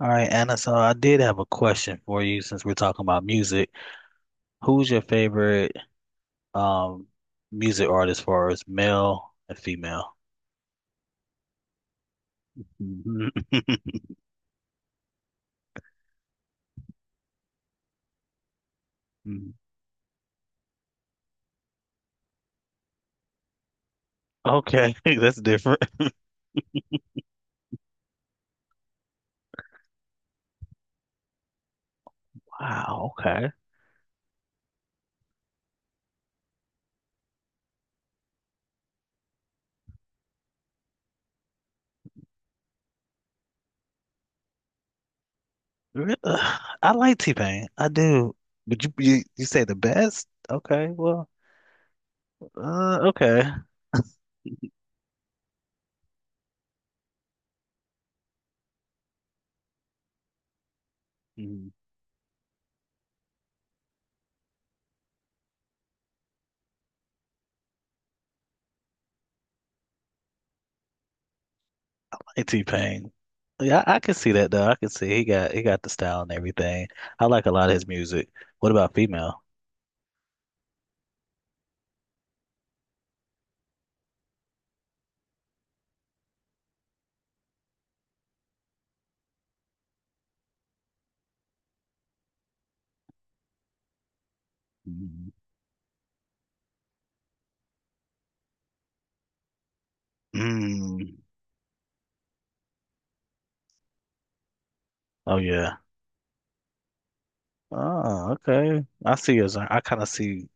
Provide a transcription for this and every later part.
All right, Anna, so I did have a question for you since we're talking about music. Who's your favorite um music artist as far as male and female? Mhm. Okay, that's different. Wow, okay. I like T-Pain. I do. But you say the best? Okay, well, okay. Mm, I like T-Pain. Yeah, I can see that though. I can see he got the style and everything. I like a lot of his music. What about female? Mm. Oh yeah. Oh, okay. I see your genre. I kind of see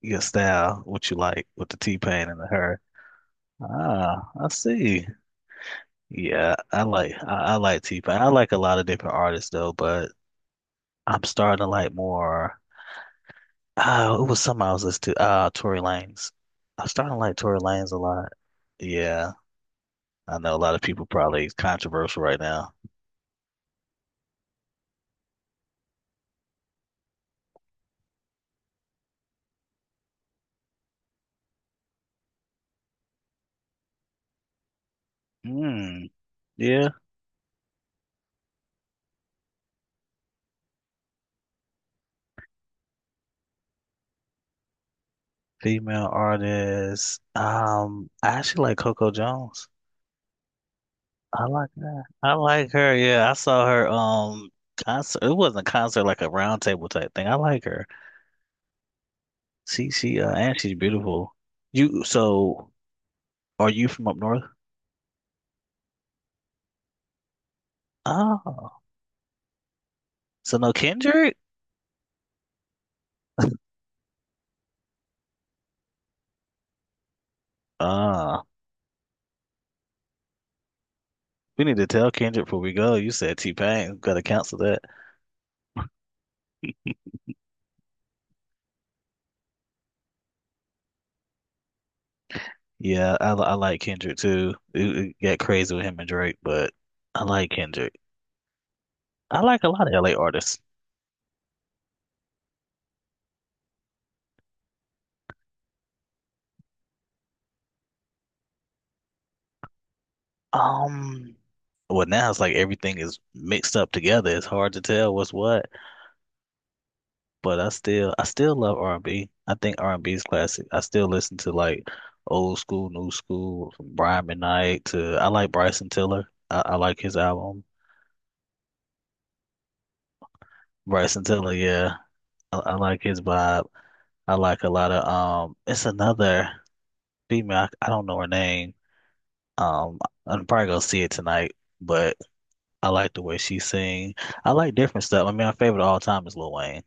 your style, what you like with the T-Pain and the her. Ah, I see. Yeah, I like T-Pain. I like a lot of different artists though, but I'm starting to like more. Oh, it was something I was listening to. Ah, Tory Lanez. I'm starting to like Tory Lanez a lot. Yeah, I know a lot of people probably controversial right now. Mm, yeah, female artists. I actually like Coco Jones. I like that. I like her. Yeah, I saw her concert. It wasn't a concert, like a round table type thing. I like her. She and she's beautiful. You so are you from up north? Oh, so no Kendrick? Ah, we need to tell Kendrick before we go. You said T-Pain. Got to cancel that. Yeah, I like Kendrick too. It got crazy with him and Drake, but I like Kendrick. I like a lot of LA artists. Um, well now it's like everything is mixed up together. It's hard to tell what's what, but I still love r and B. I think R&B is classic. I still listen to like old school, new school, from Brian McKnight to I like Bryson Tiller. I like his album. Bryson Tiller, yeah. I like his vibe. I like a lot of it's another female I don't know her name. Um I'm probably gonna see it tonight, but I like the way she sing. I like different stuff. I mean, my favorite of all time is Lil Wayne.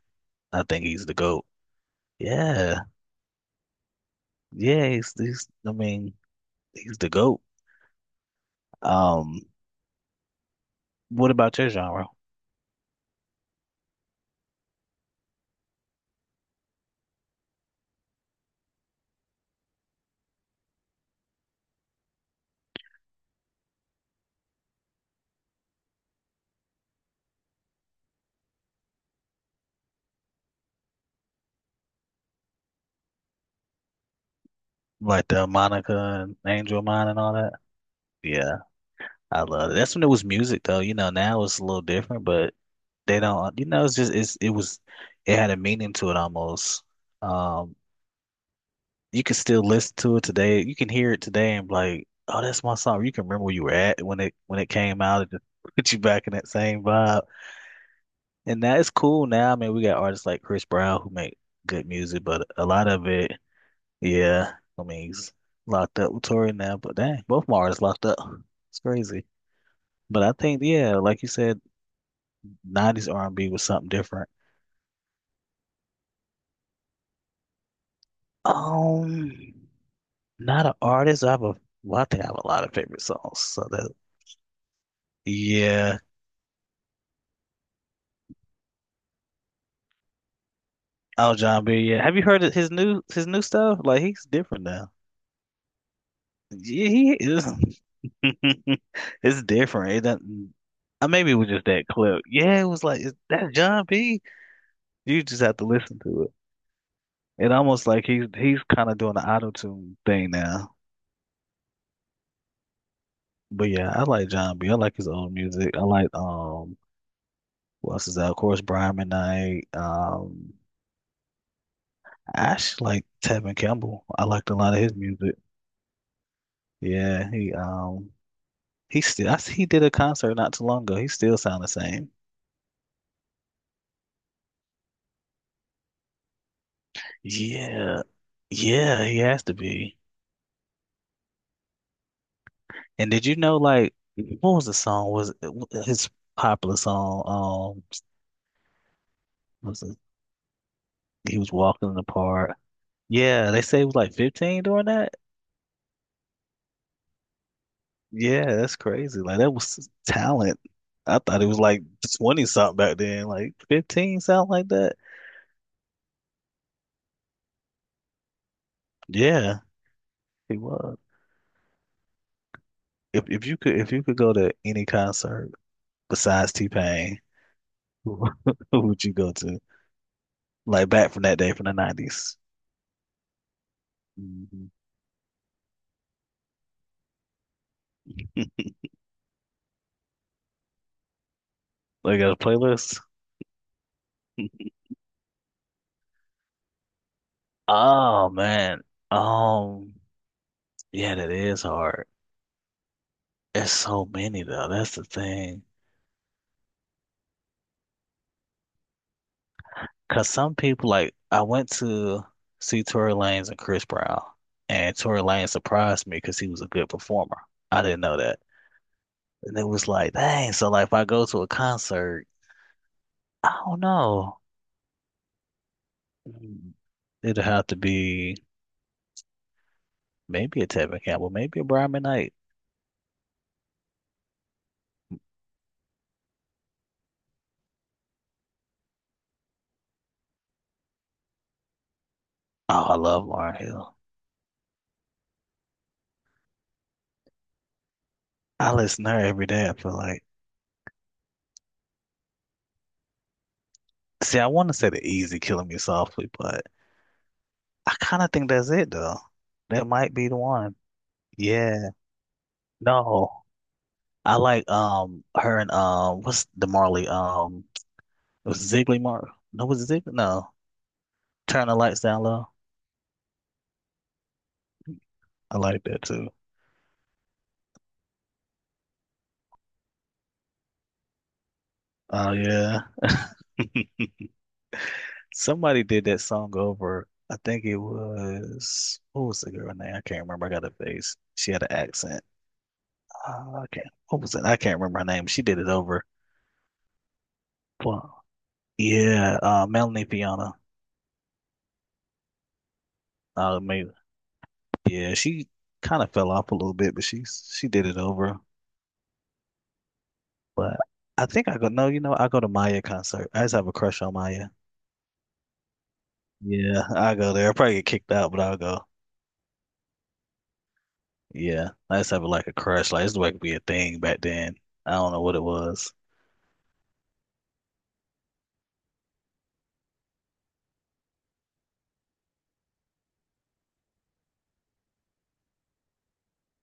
I think he's the GOAT. Yeah. Yeah, he's I mean, he's the GOAT. Um, what about your genre? Like the Monica and Angel of Mine and all that? Yeah, I love it. That's when it was music though. You know, now it's a little different, but they don't, you know, it's just it was it had a meaning to it almost. Um, you can still listen to it today. You can hear it today and be like, oh, that's my song. You can remember where you were at when it came out. It just put you back in that same vibe. And now it's cool now. I mean, we got artists like Chris Brown who make good music, but a lot of it, yeah. I mean, he's locked up with Tory now, but dang, both my artists locked up. It's crazy. But I think, yeah, like you said, 90s R&B was something different. Um, not an artist. Well, I think I have a lot of favorite songs. So that, yeah. Oh, John Beer, yeah. Have you heard of his new stuff? Like he's different now. Yeah, he is. It's different. It doesn't. Maybe it was just that clip. Yeah, it was like is that John B. You just have to listen to it. It almost like he's kind of doing the auto tune thing now. But yeah, I like John B. I like his old music. I like what else is that? Of course, Brian McKnight. I actually like Tevin Campbell. I liked a lot of his music. Yeah, he still, he did a concert not too long ago. He still sound the same. Yeah, yeah, he has to be. And did you know, like, what was the song? Was his popular song? Was it, he was walking in the park. Yeah, they say he was like 15 doing that. Yeah, that's crazy. Like that was talent. I thought he was like 20 something back then. Like 15 sound like that. Yeah, he was. If you could go to any concert besides T-Pain, who who would you go to? Like back from that day from the 90s. Hmm. Like a playlist? Oh man. Um, yeah, that is hard. It's so many though. That's the thing. Cause some people like I went to see Tory Lanez and Chris Brown, and Tory Lanez surprised me because he was a good performer. I didn't know that, and it was like, dang. So like, if I go to a concert, I don't know. Mm, it'd have to be. Maybe a Tevin Campbell, maybe a Brian Knight. Oh, I love Lauren Hill. I listen to her every day, I feel like. See, I want to say the easy killing me softly, but I kind of think that's it though. That might be the one. Yeah. No. I like her and what's the Marley? It was Ziggly Mar no was it Ziggly? No. Turn the lights down low. I like that too. Oh yeah. Somebody did that song over. I think it was what was the girl name? I can't remember. I got a face. She had an accent. I can't. What was it? I can't remember her name. She did it over. Well, yeah, Melanie Fiona. Maybe. Yeah, she kind of fell off a little bit, but she did it over. But I think I go. No, you know, I go to Maya concert. I just have a crush on Maya. Yeah, I go there. I probably get kicked out, but I'll go. Yeah, I just have like a crush. Like it's like be a thing back then. I don't know what it was.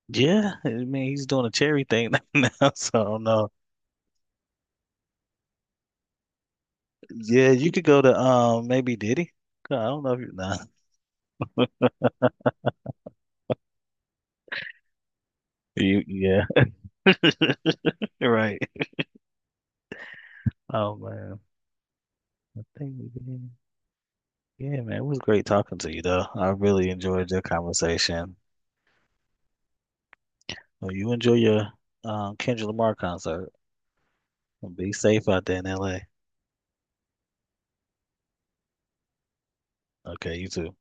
Yeah, I mean he's doing a cherry thing now, so I don't know. Yeah, you could go to maybe Diddy. God, I don't know if you nah. You yeah, you're right. Oh man, I think we did. Yeah, man, it was great talking to you though. I really enjoyed your conversation. Well, you enjoy your Kendrick Lamar concert. Be safe out there in LA. Okay, you too.